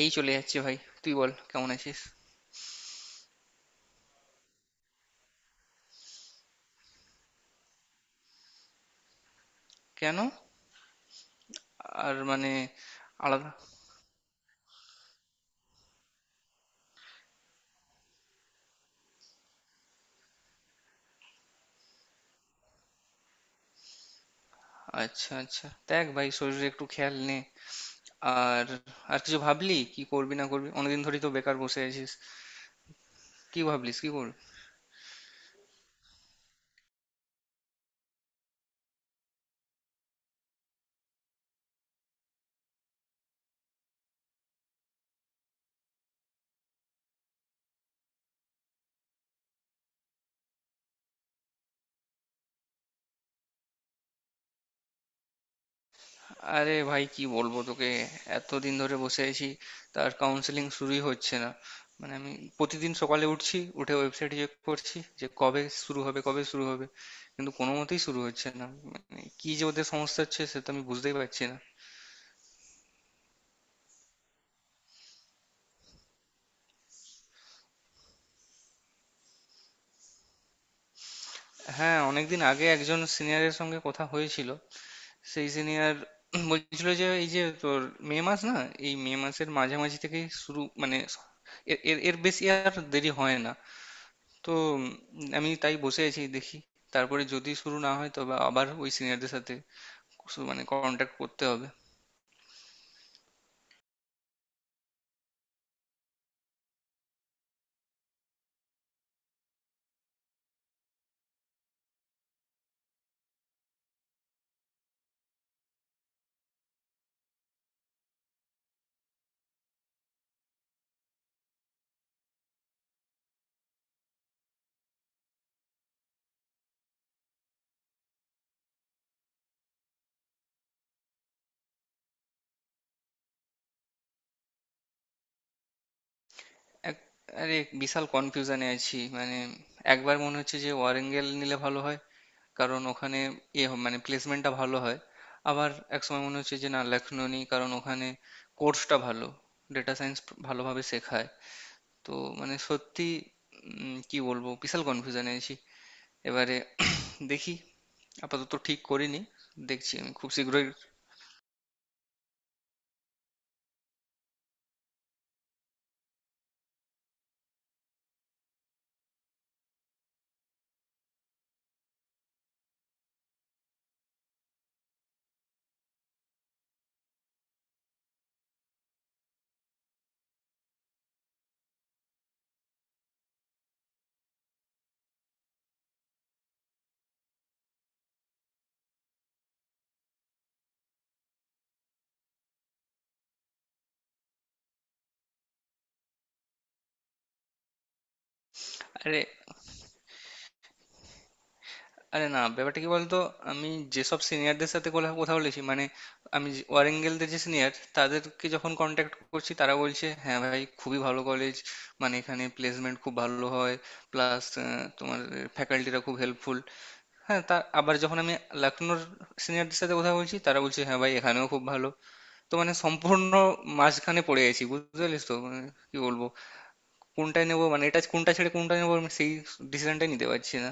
এই চলে যাচ্ছে ভাই। তুই বল কেমন আছিস। কেন? আর মানে আলাদা। আচ্ছা আচ্ছা, দেখ ভাই শরীরে একটু খেয়াল নে। আর আর কিছু ভাবলি কি করবি না করবি, অনেকদিন ধরেই তো বেকার বসে আছিস। কি ভাবলিস কি করবি? আরে ভাই কি বলবো তোকে, এতদিন ধরে বসে আছি, তার কাউন্সেলিং শুরুই হচ্ছে না। মানে আমি প্রতিদিন সকালে উঠছি, উঠে ওয়েবসাইট চেক করছি যে কবে শুরু হবে কবে শুরু হবে, কিন্তু কোনো মতেই শুরু হচ্ছে না। মানে কি যে ওদের সমস্যা হচ্ছে সে তো আমি বুঝতেই পারছি না। হ্যাঁ, অনেকদিন আগে একজন সিনিয়রের সঙ্গে কথা হয়েছিল। সেই সিনিয়র বলছিল যে এই যে তোর মে মাস না, এই মে মাসের মাঝামাঝি থেকেই শুরু, মানে এর এর এর বেশি আর দেরি হয় না। তো উম, আমি তাই বসে আছি, দেখি। তারপরে যদি শুরু না হয় তবে আবার ওই সিনিয়রদের সাথে কিছু মানে কন্ট্যাক্ট করতে হবে। এক, আরে বিশাল কনফিউশনে আছি মানে। একবার মনে হচ্ছে যে ওয়ারেঙ্গেল নিলে ভালো হয়, কারণ ওখানে মানে প্লেসমেন্টটা ভালো হয়। আবার এক সময় মনে হচ্ছে যে না, লখনৌ নেই, কারণ ওখানে কোর্সটা ভালো, ডেটা সায়েন্স ভালোভাবে শেখায়। তো মানে সত্যি কি বলবো, বিশাল কনফিউশনে আছি এবারে। দেখি, আপাতত ঠিক করিনি। দেখছি আমি খুব শীঘ্রই। আরে, আরে না, ব্যাপারটা কি বলতো। আমি যেসব সিনিয়রদের সাথে কথা বলেছি মানে, আমি ওয়ারেঙ্গেলদের যে সিনিয়র তাদেরকে যখন কন্ট্যাক্ট করছি তারা বলছে হ্যাঁ ভাই, খুবই ভালো কলেজ, মানে এখানে প্লেসমেন্ট খুব ভালো হয়, প্লাস তোমার ফ্যাকাল্টিরা খুব হেল্পফুল। হ্যাঁ, তা আবার যখন আমি লখনৌর সিনিয়রদের সাথে কথা বলছি, তারা বলছে হ্যাঁ ভাই এখানেও খুব ভালো। তো মানে সম্পূর্ণ মাঝখানে পড়ে গেছি, বুঝতে পারলিস তো। মানে কি বলবো, কোনটায় নেবো, মানে এটা কোনটা ছেড়ে কোনটা নেবো, আমি সেই ডিসিশনটাই নিতে পারছি না।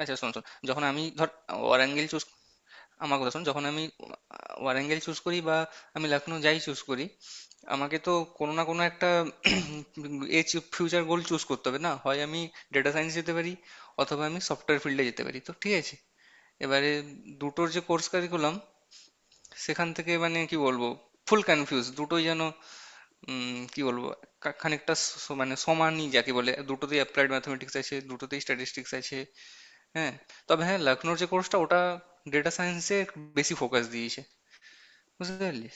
আচ্ছা শোন শোন, যখন আমি ধর ওয়ারাঙ্গল চুজ, আমার কথা শোন, যখন আমি ওয়ারাঙ্গল চুজ করি বা আমি লখনউ যাই চুজ করি, আমাকে তো কোনো না কোনো একটা এ ফিউচার গোল চুজ করতে হবে। না হয় আমি ডেটা সায়েন্স যেতে পারি, অথবা আমি সফটওয়্যার ফিল্ডে যেতে পারি, তো ঠিক আছে। এবারে দুটোর যে কোর্স কারিকুলাম, সেখান থেকে মানে কি বলবো, ফুল কনফিউজ, দুটোই যেন কি বলবো খানিকটা মানে সমানই যাকে বলে, দুটোতেই অ্যাপ্লাইড ম্যাথমেটিক্স আছে, দুটোতেই স্ট্যাটিস্টিক্স আছে। হ্যাঁ, তবে হ্যাঁ, লখনৌর যে কোর্সটা ওটা ডেটা সায়েন্সে বেশি ফোকাস দিয়েছে, বুঝতে পারলি।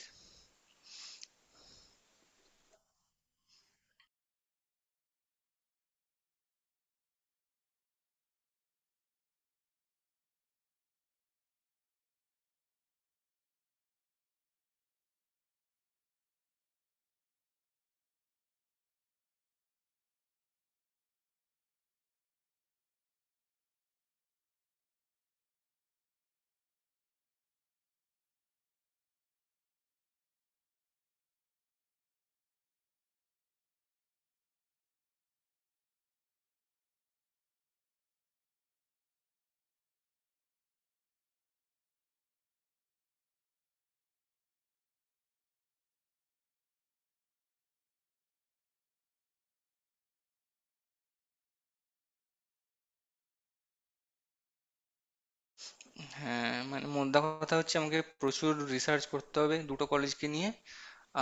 হ্যাঁ মানে মোদ্দা কথা হচ্ছে আমাকে প্রচুর রিসার্চ করতে হবে দুটো কলেজকে নিয়ে,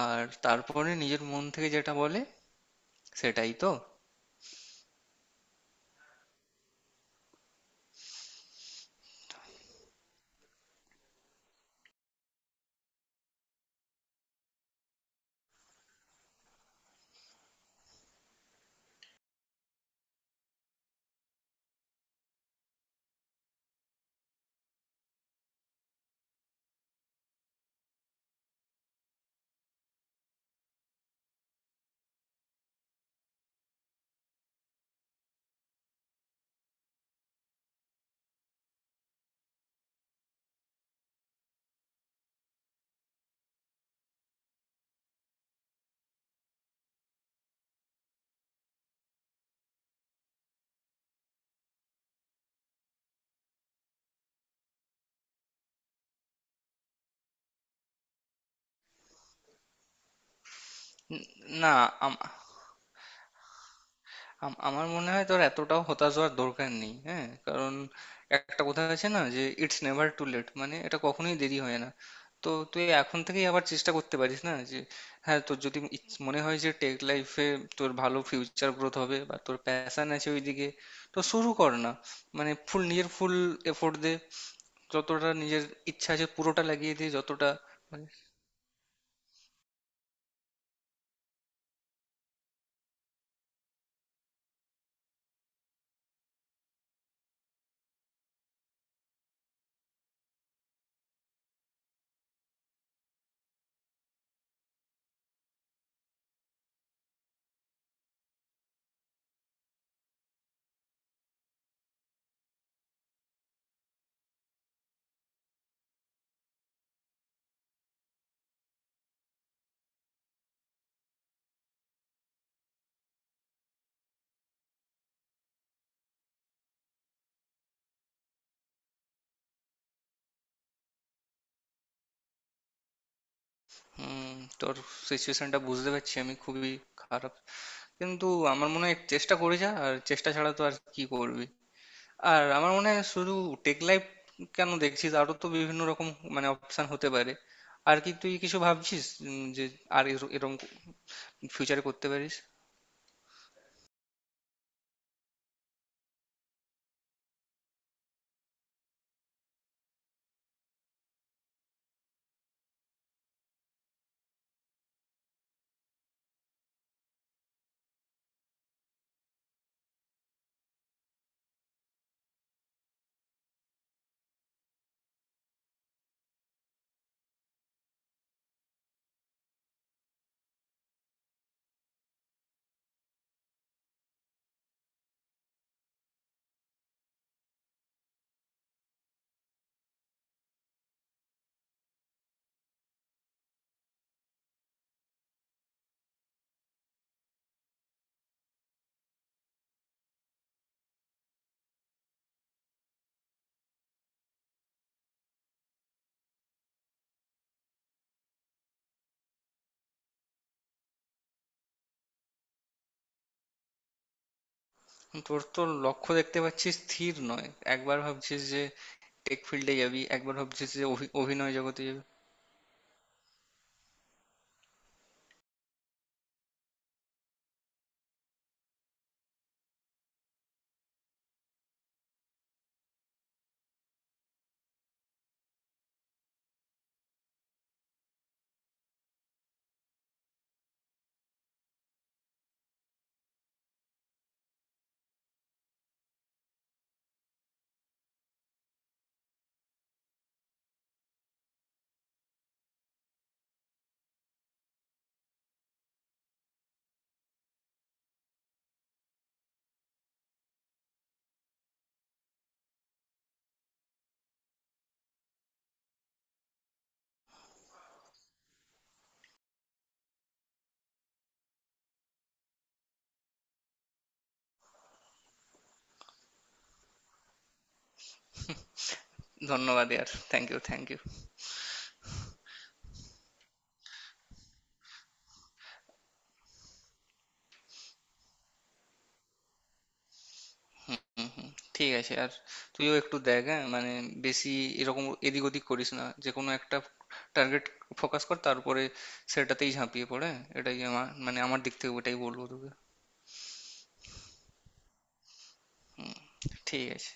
আর তারপরে নিজের মন থেকে যেটা বলে সেটাই তো। উম, না, আম- আমার মনে হয় তোর এতটাও হতাশ হওয়ার দরকার নেই, হ্যাঁ, কারণ একটা কথা আছে না, যে ইটস নেভার টু লেট, মানে এটা কখনোই দেরি হয় না। তো তুই এখন থেকেই আবার চেষ্টা করতে পারিস না, যে হ্যাঁ তোর যদি মনে হয় যে টেক লাইফে তোর ভালো ফিউচার গ্রোথ হবে বা তোর প্যাশন আছে ওইদিকে, তো শুরু কর না। মানে ফুল, নিজের ফুল এফোর্ট দে, যতটা নিজের ইচ্ছা আছে পুরোটা লাগিয়ে দে, যতটা মানে। হুম, তোর সিচুয়েশনটা বুঝতে পারছি, আমি খুবই খারাপ, কিন্তু আমার মনে হয় চেষ্টা করে যা, আর চেষ্টা ছাড়া তো আর কি করবি। আর আমার মনে হয় শুধু টেক লাইফ কেন দেখছিস, আরো তো বিভিন্ন রকম মানে অপশন হতে পারে। আর কি তুই কিছু ভাবছিস যে এরকম ফিউচারে করতে পারিস। তোর তো লক্ষ্য দেখতে পাচ্ছিস স্থির নয়, একবার ভাবছিস যে টেক ফিল্ডে যাবি, একবার ভাবছিস যে অভিনয় জগতে যাবি। ধন্যবাদ ইয়ার, থ্যাংক ইউ থ্যাংক ইউ। হুম হুম, ঠিক আছে। আর তুইও একটু দেখ, হ্যাঁ মানে, বেশি এরকম এদিক ওদিক করিস না, যে কোনো একটা টার্গেট ফোকাস কর, তারপরে সেটাতেই ঝাঁপিয়ে পড়ে, হ্যাঁ? এটাই আমার মানে, আমার দিক থেকে ওটাই বলবো তোকে। ঠিক আছে।